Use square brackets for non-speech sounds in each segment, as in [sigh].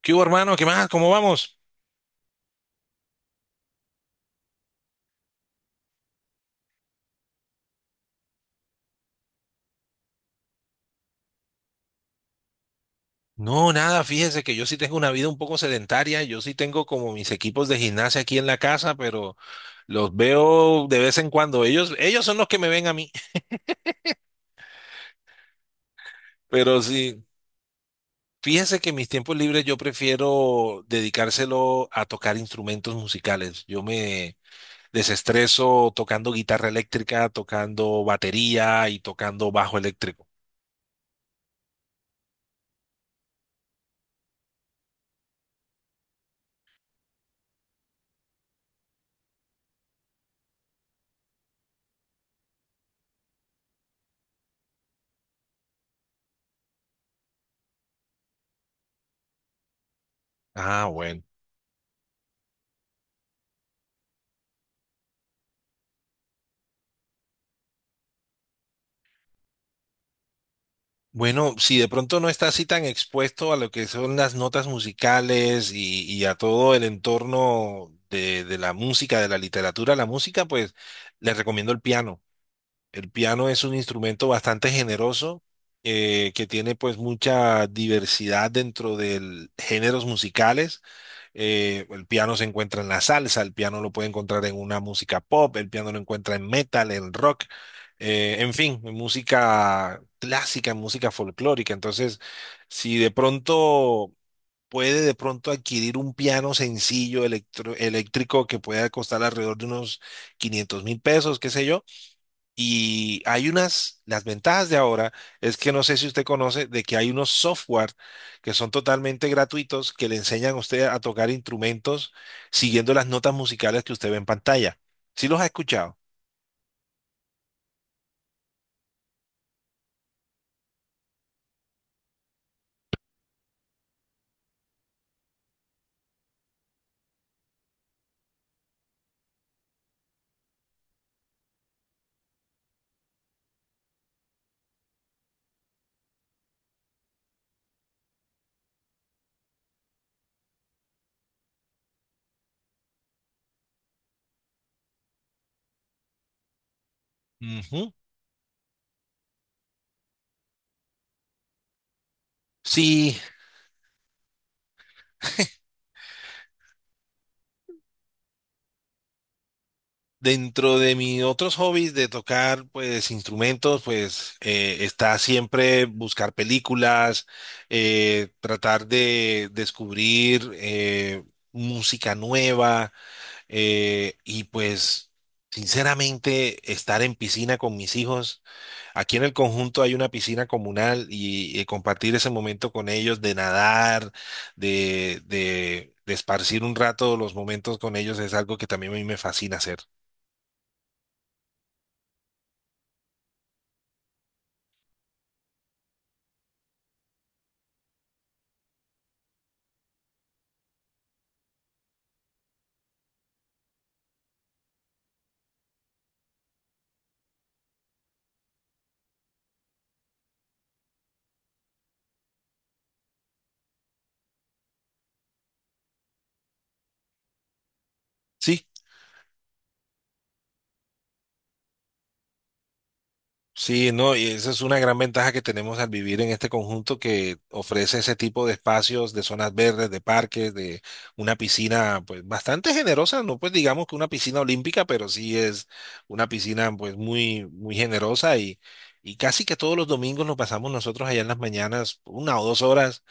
¿Qué hubo, hermano? ¿Qué más? ¿Cómo vamos? No, nada, fíjese que yo sí tengo una vida un poco sedentaria, yo sí tengo como mis equipos de gimnasia aquí en la casa, pero los veo de vez en cuando. Ellos son los que me ven a mí. [laughs] Pero sí, fíjese que mis tiempos libres yo prefiero dedicárselo a tocar instrumentos musicales. Yo me desestreso tocando guitarra eléctrica, tocando batería y tocando bajo eléctrico. Ah, bueno. Bueno, si de pronto no estás así tan expuesto a lo que son las notas musicales y a todo el entorno de la música, de la literatura, la música, pues les recomiendo el piano. El piano es un instrumento bastante generoso, que tiene pues mucha diversidad dentro de géneros musicales. El piano se encuentra en la salsa, el piano lo puede encontrar en una música pop, el piano lo encuentra en metal, en rock, en fin, en música clásica, en música folclórica. Entonces, si de pronto puede de pronto adquirir un piano sencillo eléctrico que pueda costar alrededor de unos 500 mil pesos, qué sé yo, y hay unas, las ventajas de ahora es que no sé si usted conoce de que hay unos software que son totalmente gratuitos que le enseñan a usted a tocar instrumentos siguiendo las notas musicales que usted ve en pantalla. ¿Sí los ha escuchado? Ujú. Sí, dentro de mis otros hobbies de tocar pues instrumentos, pues, está siempre buscar películas, tratar de descubrir, música nueva. Y pues, sinceramente, estar en piscina con mis hijos, aquí en el conjunto hay una piscina comunal y compartir ese momento con ellos de nadar, de esparcir un rato los momentos con ellos es algo que también a mí me fascina hacer. Sí. Sí, no, y esa es una gran ventaja que tenemos al vivir en este conjunto que ofrece ese tipo de espacios, de zonas verdes, de parques, de una piscina, pues bastante generosa, no pues digamos que una piscina olímpica, pero sí es una piscina pues muy, muy generosa y casi que todos los domingos nos pasamos nosotros allá en las mañanas una o dos horas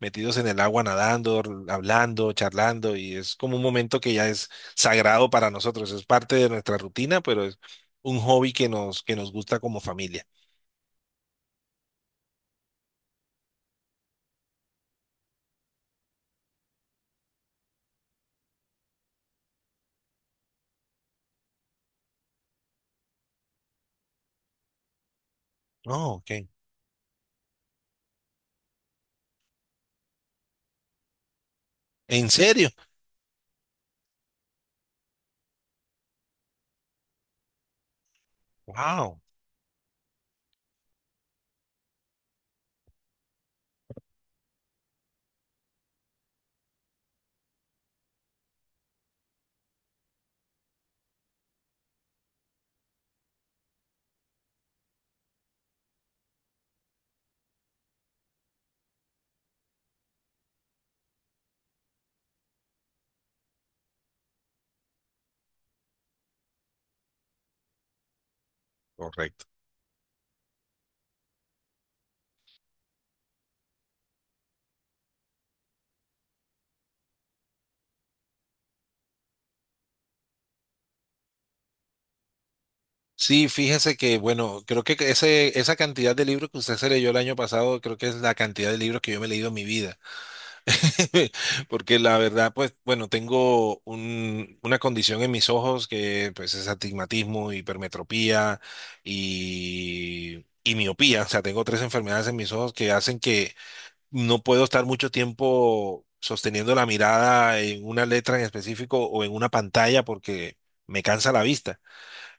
metidos en el agua nadando, hablando, charlando y es como un momento que ya es sagrado para nosotros, es parte de nuestra rutina, pero un hobby que nos gusta como familia. No, ok. ¿En serio? Wow. Correcto. Sí, fíjese que, bueno, creo que ese, esa cantidad de libros que usted se leyó el año pasado, creo que es la cantidad de libros que yo me he leído en mi vida. [laughs] Porque la verdad, pues, bueno, tengo una condición en mis ojos que, pues, es astigmatismo, hipermetropía y miopía. O sea, tengo tres enfermedades en mis ojos que hacen que no puedo estar mucho tiempo sosteniendo la mirada en una letra en específico o en una pantalla porque me cansa la vista.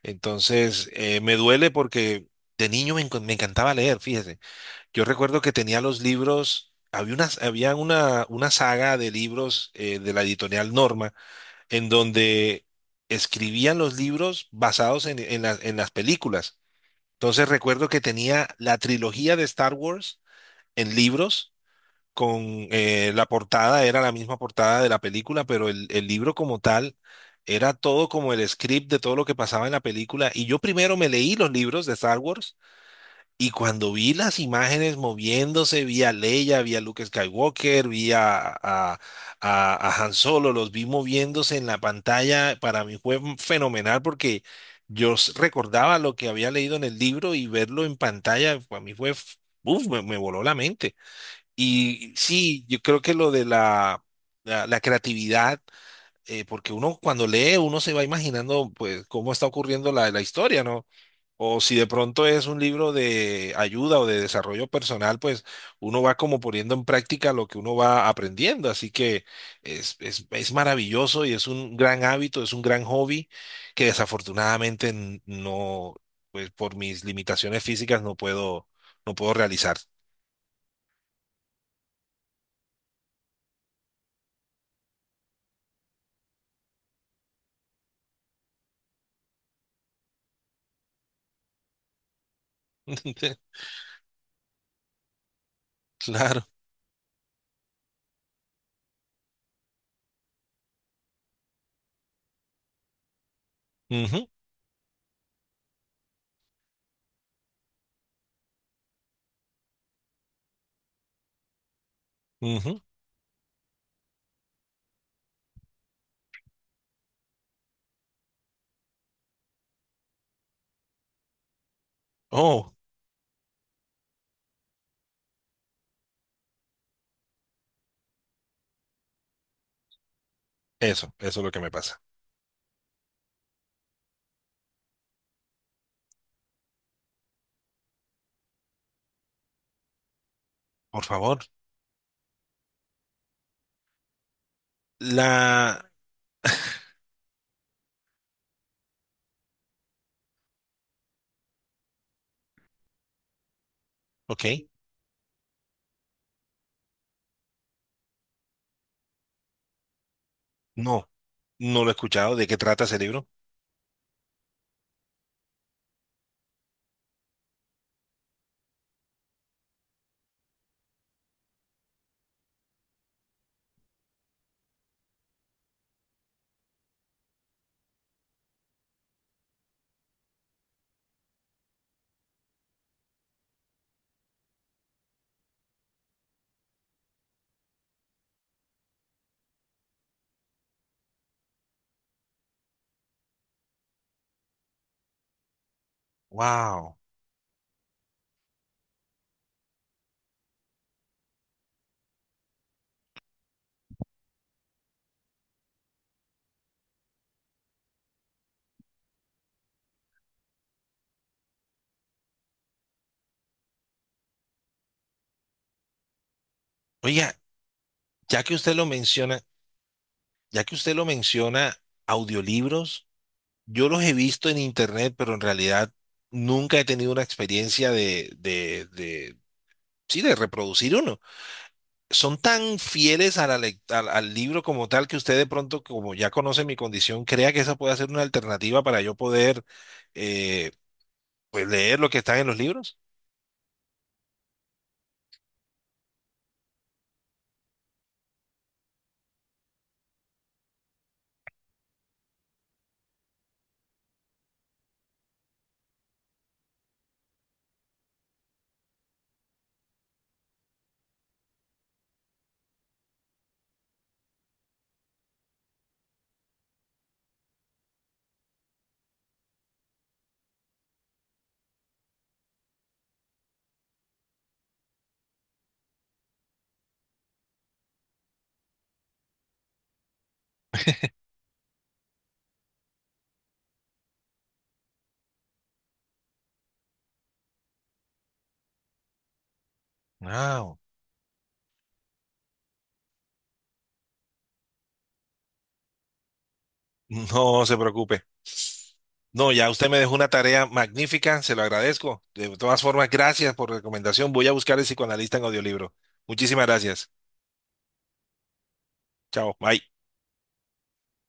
Entonces, me duele porque de niño me encantaba leer, fíjese. Yo recuerdo que tenía los libros, había una, había una saga de libros, de la editorial Norma en donde escribían los libros basados en las películas. Entonces recuerdo que tenía la trilogía de Star Wars en libros con, la portada, era la misma portada de la película, pero el libro como tal era todo como el script de todo lo que pasaba en la película. Y yo primero me leí los libros de Star Wars y cuando vi las imágenes moviéndose, vi a Leia, vi a Luke Skywalker, vi a Han Solo, los vi moviéndose en la pantalla, para mí fue fenomenal porque... Recordaba lo que había leído en el libro y verlo en pantalla, para mí fue, uf, me voló la mente. Y sí, yo creo que lo de la, la, creatividad, porque uno cuando lee, uno se va imaginando pues cómo está ocurriendo la, la historia, ¿no? O si de pronto es un libro de ayuda o de desarrollo personal, pues uno va como poniendo en práctica lo que uno va aprendiendo. Así que es, es, maravilloso y es un gran hábito, es un gran hobby que desafortunadamente no, pues por mis limitaciones físicas no puedo realizar. [laughs] Claro. Ujú. Ujú. Oh, eso es lo que me pasa. Por favor. La... Ok, no, no lo he escuchado. ¿De qué trata ese libro? Wow. Oiga, ya que usted lo menciona, ya que usted lo menciona, audiolibros, yo los he visto en internet, pero en realidad nunca he tenido una experiencia de, sí, de reproducir uno. Son tan fieles a la al, al libro como tal que usted de pronto, como ya conoce mi condición, crea que esa puede ser una alternativa para yo poder, eh, pues leer lo que está en los libros. Ah, no se preocupe. No, ya usted me dejó una tarea magnífica, se lo agradezco. De todas formas, gracias por recomendación. Voy a buscar El psicoanalista en audiolibro. Muchísimas gracias. Chao, bye.